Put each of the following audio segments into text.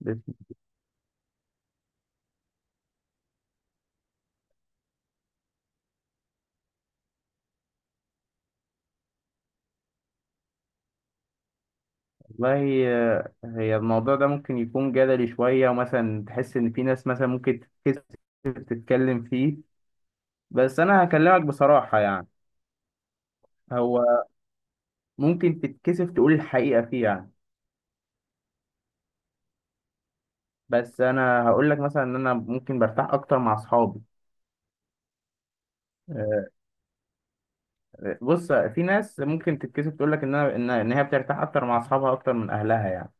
بس والله آه، هي الموضوع ده ممكن يكون جدلي شوية ومثلا تحس إن في ناس مثلا ممكن تتكسف تتكلم فيه، بس أنا هكلمك بصراحة يعني. هو ممكن تتكسف تقول الحقيقة فيه يعني. بس أنا هقول لك مثلا إن أنا ممكن برتاح أكتر مع أصحابي. آه، بص، في ناس ممكن تتكسف تقول لك إن أنا إن هي بترتاح أكتر مع أصحابها أكتر من أهلها يعني.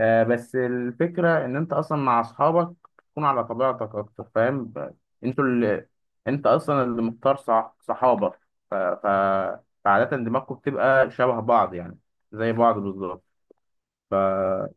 آه، بس الفكرة إن أنت أصلا مع أصحابك تكون على طبيعتك أكتر، فاهم أنتوا اللي أنت أصلا اللي مختار صحابك، ف... ف... فعادة دماغكم بتبقى شبه بعض يعني، زي بعض بالظبط. فعشان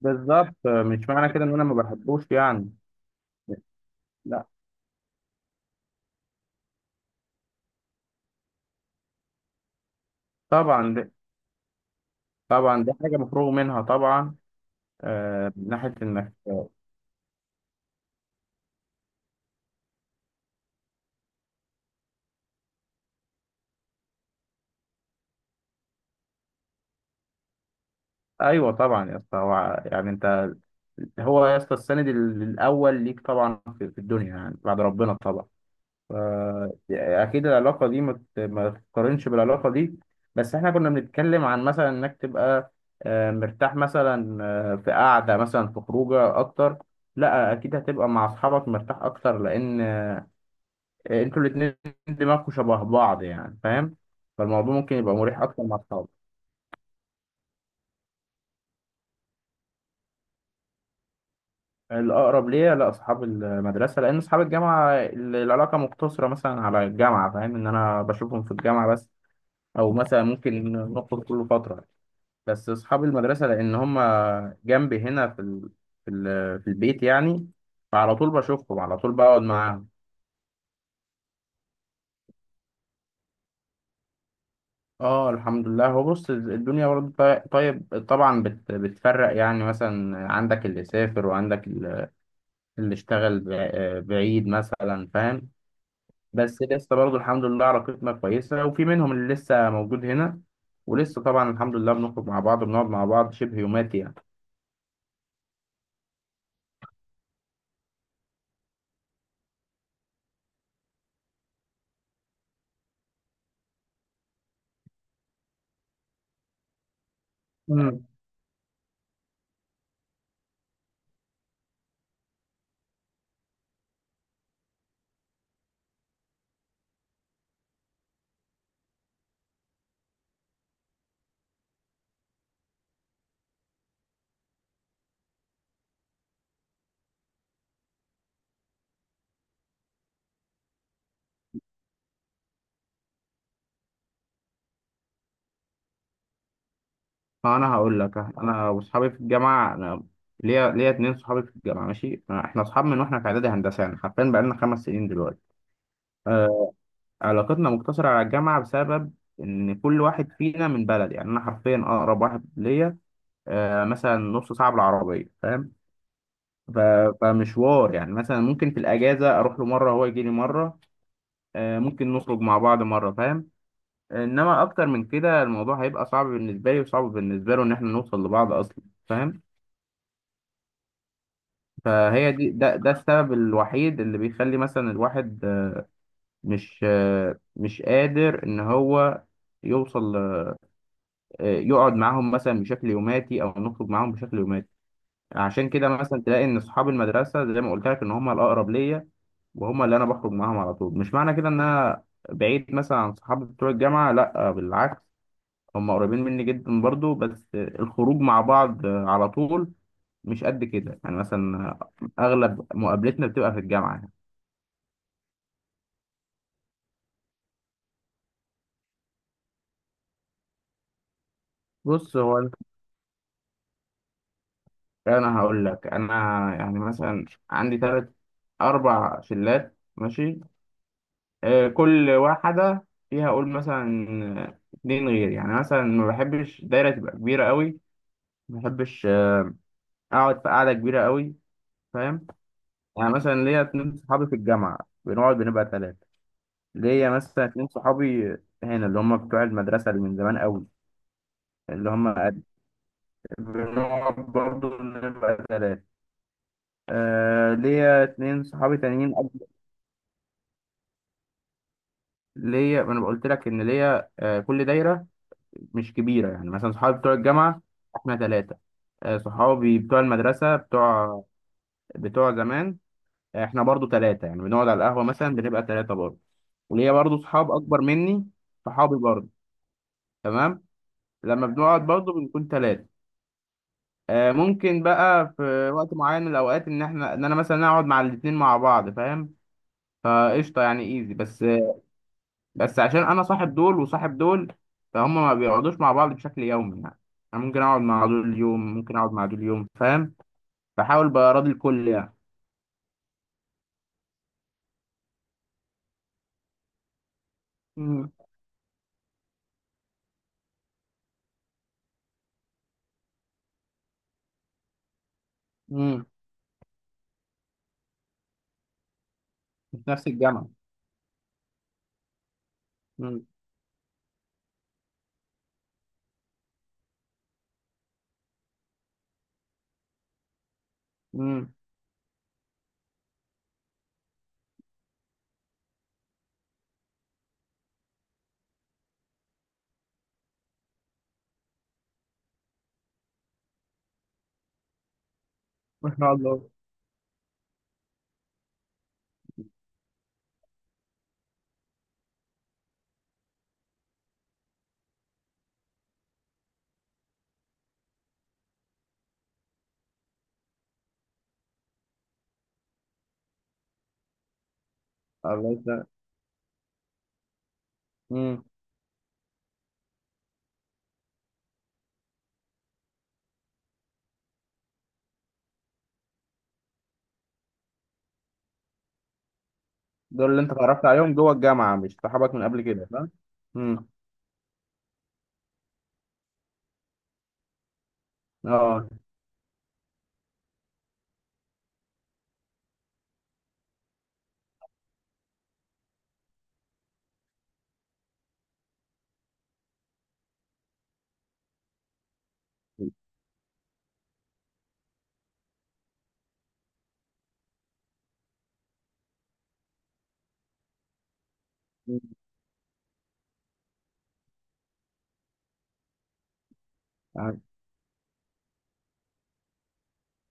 بالظبط مش معنى كده إن أنا ما بحبوش يعني. لا طبعا طبعا دي حاجة مفروغ منها طبعا. آه، من ناحية إنك ايوه طبعا يا اسطى، هو يعني انت، هو يا اسطى السند الاول ليك طبعا في في الدنيا يعني بعد ربنا طبعا. ف- يعني اكيد العلاقه دي ما تقارنش بالعلاقه دي. بس احنا كنا بنتكلم عن مثلا انك تبقى آه، مرتاح مثلا، آه، في قعده مثلا، في خروجه اكتر. لا اكيد هتبقى مع اصحابك مرتاح اكتر، لان آه، انتوا الاتنين دماغكم شبه بعض يعني فاهم، فالموضوع ممكن يبقى مريح اكتر مع اصحابك. الأقرب ليا لا أصحاب المدرسة، لأن أصحاب الجامعة العلاقة مقتصرة مثلا على الجامعة، فاهم إن أنا بشوفهم في الجامعة بس. أو مثلا ممكن نخرج كل فترة. بس أصحاب المدرسة لأن هما جنبي هنا في البيت يعني، فعلى طول بشوفهم، على طول بقعد معاهم. اه الحمد لله. هو بص الدنيا برضه طيب طبعا بتفرق يعني، مثلا عندك اللي سافر وعندك اللي اشتغل بعيد مثلا فاهم. بس لسه برضه الحمد لله علاقتنا كويسة وفي منهم اللي لسه موجود هنا، ولسه طبعا الحمد لله بنخرج مع بعض بنقعد مع بعض شبه يوماتي يعني. امم. فأنا هقول لك، أنا وأصحابي في الجامعة، أنا ليا اتنين صحابي في الجامعة، ماشي، إحنا أصحاب من وإحنا في إعدادي هندسة، يعني حرفيا بقالنا 5 سنين دلوقتي. آه. علاقتنا مقتصرة على الجامعة بسبب إن كل واحد فينا من بلد، يعني أنا حرفيا أقرب واحد ليا آه مثلا نص ساعة بالعربية فاهم. ف- فمشوار يعني، مثلا ممكن في الأجازة أروح له مرة، هو يجي لي مرة. آه، ممكن نخرج مع بعض مرة فاهم. انما اكتر من كده الموضوع هيبقى صعب بالنسبة لي وصعب بالنسبة له ان احنا نوصل لبعض اصلا فاهم. فهي دي ده ده السبب الوحيد اللي بيخلي مثلا الواحد آه، مش قادر ان هو يوصل ل- آه، يقعد معاهم مثلا بشكل يوماتي او نخرج معاهم بشكل يوماتي. عشان كده مثلا تلاقي ان اصحاب المدرسة زي ما قلت لك ان هم الاقرب ليا، وهم اللي انا بخرج معاهم على طول. مش معنى كده ان انا بعيد مثلا عن صحابي بتوع الجامعة، لا بالعكس، هم قريبين مني جدا برضو، بس الخروج مع بعض على طول مش قد كده يعني، مثلا اغلب مقابلتنا بتبقى في الجامعه يعني. بص هو انا هقول لك انا، يعني مثلا عندي ثلاث اربع شلات ماشي، آه، كل واحده فيها اقول مثلا اتنين، غير يعني مثلا ما بحبش دايره تبقى كبيره قوي، ما بحبش آه، اقعد في قاعده كبيره قوي فاهم. يعني مثلا ليا اتنين صحابي في الجامعه، بنقعد بنبقى ثلاثه. ليا مثلا اتنين صحابي هنا اللي هم بتوع المدرسة اللي من زمان قوي، اللي هم قد- بنقعد برضه نبقى تلاتة. آه، ليا اتنين صحابي تانيين قبل- ليا، ما انا قلت لك ان ليا آه كل دايرة مش كبيرة، يعني مثلا صحابي بتوع الجامعة احنا تلاتة. آه صحابي بتوع المدرسة بتوع، بتوع زمان، آه، احنا برضه تلاتة، يعني بنقعد على القهوة مثلا بنبقى تلاتة برضه. وليا برضه صحاب أكبر مني، صحابي برضه، تمام، لما بنقعد برضه بنكون تلاتة. آه، ممكن بقى في وقت معين من الاوقات ان احنا ان انا مثلا اقعد مع الاتنين مع بعض فاهم، فقشطه يعني، ايزي. بس بس عشان انا صاحب دول وصاحب دول، فهم ما بيقعدوش مع بعض بشكل يومي يعني، انا ممكن اقعد مع دول يوم، ممكن اقعد مع دول يوم فاهم، بحاول براضي الكل يعني. امم. امم. مش نفس الجامعه. امم. امم. ما شاء الله. الله يسلمك. امم. دول اللي انت اتعرفت عليهم جوه الجامعه مش صحابك من قبل كده فاهم. امم. اه.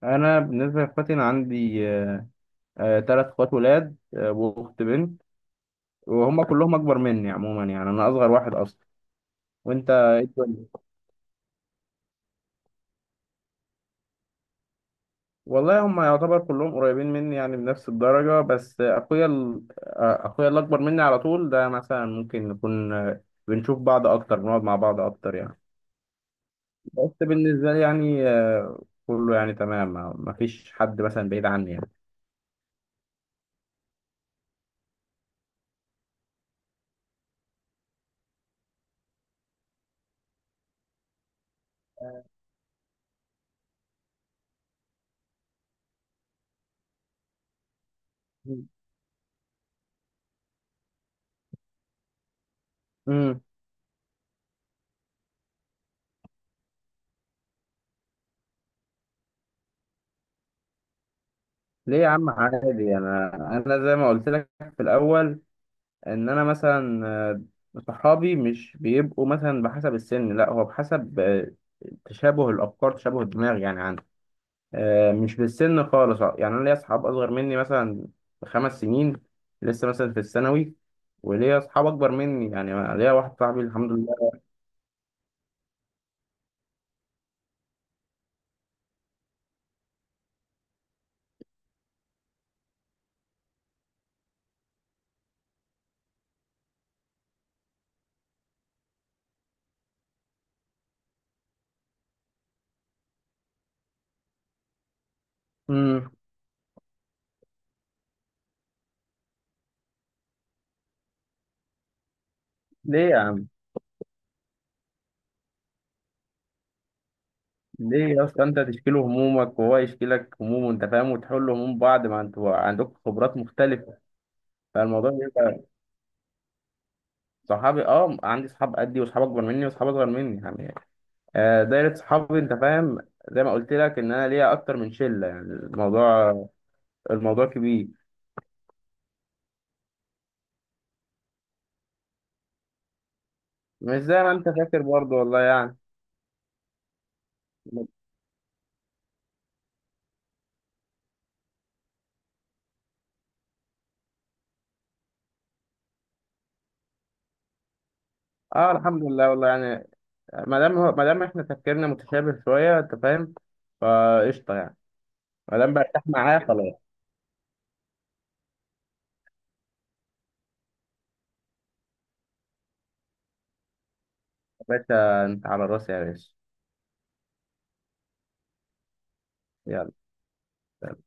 انا بالنسبه لاخواتي انا عندي ثلاث اخوات ولاد، آه، واخت بنت، وهم كلهم اكبر مني عموما، يعني انا اصغر واحد اصلا. وانت إيه الدنيا؟ والله هم يعتبر كلهم قريبين مني يعني بنفس الدرجة، بس اخويا ال... آه، اخويا اللي اكبر مني على طول ده مثلا ممكن نكون آه، بنشوف بعض اكتر، بنقعد مع بعض اكتر يعني. بس بالنسبة لي يعني آه، كله يعني تمام، ما فيش حد مثلا بعيد عني يعني. مم. ليه يا عم عادي، انا زي ما قلت لك في الاول، ان انا مثلا آه، صحابي مش بيبقوا مثلا بحسب السن، لا هو بحسب آه، تشابه الافكار، تشابه الدماغ يعني عندي، آه، مش بالسن خالص. آه، يعني انا ليا اصحاب اصغر مني مثلا بـ 5 سنين، لسه مثلا في الثانوي، وليا اصحاب اكبر مني، يعني أنا ليا واحد صاحبي الحمد لله. امم. ليه يا عم، ليه يا اسطى، انت تشكي له همومك وهو يشكي لك همومه انت فاهم، وتحلوا هموم بعض، ما انتوا عندكم خبرات مختلفه، فالموضوع بيبقى صحابي. اه عندي صحاب قدي وصحاب اكبر مني وصحاب اصغر مني يعني، آه، دايرة صحابي أنت فاهم، زي ما قلت لك إن أنا ليا أكتر من شلة، يعني الموضوع، الموضوع كبير. مش زي ما أنت فاكر برضه والله يعني. أه الحمد لله والله يعني، ما دام إحنا تفكيرنا متشابه شوية أنت فاهم، فقشطة يعني. ما دام برتاح معاه خلاص. يا باشا أنت على راسي يا باشا. يلا.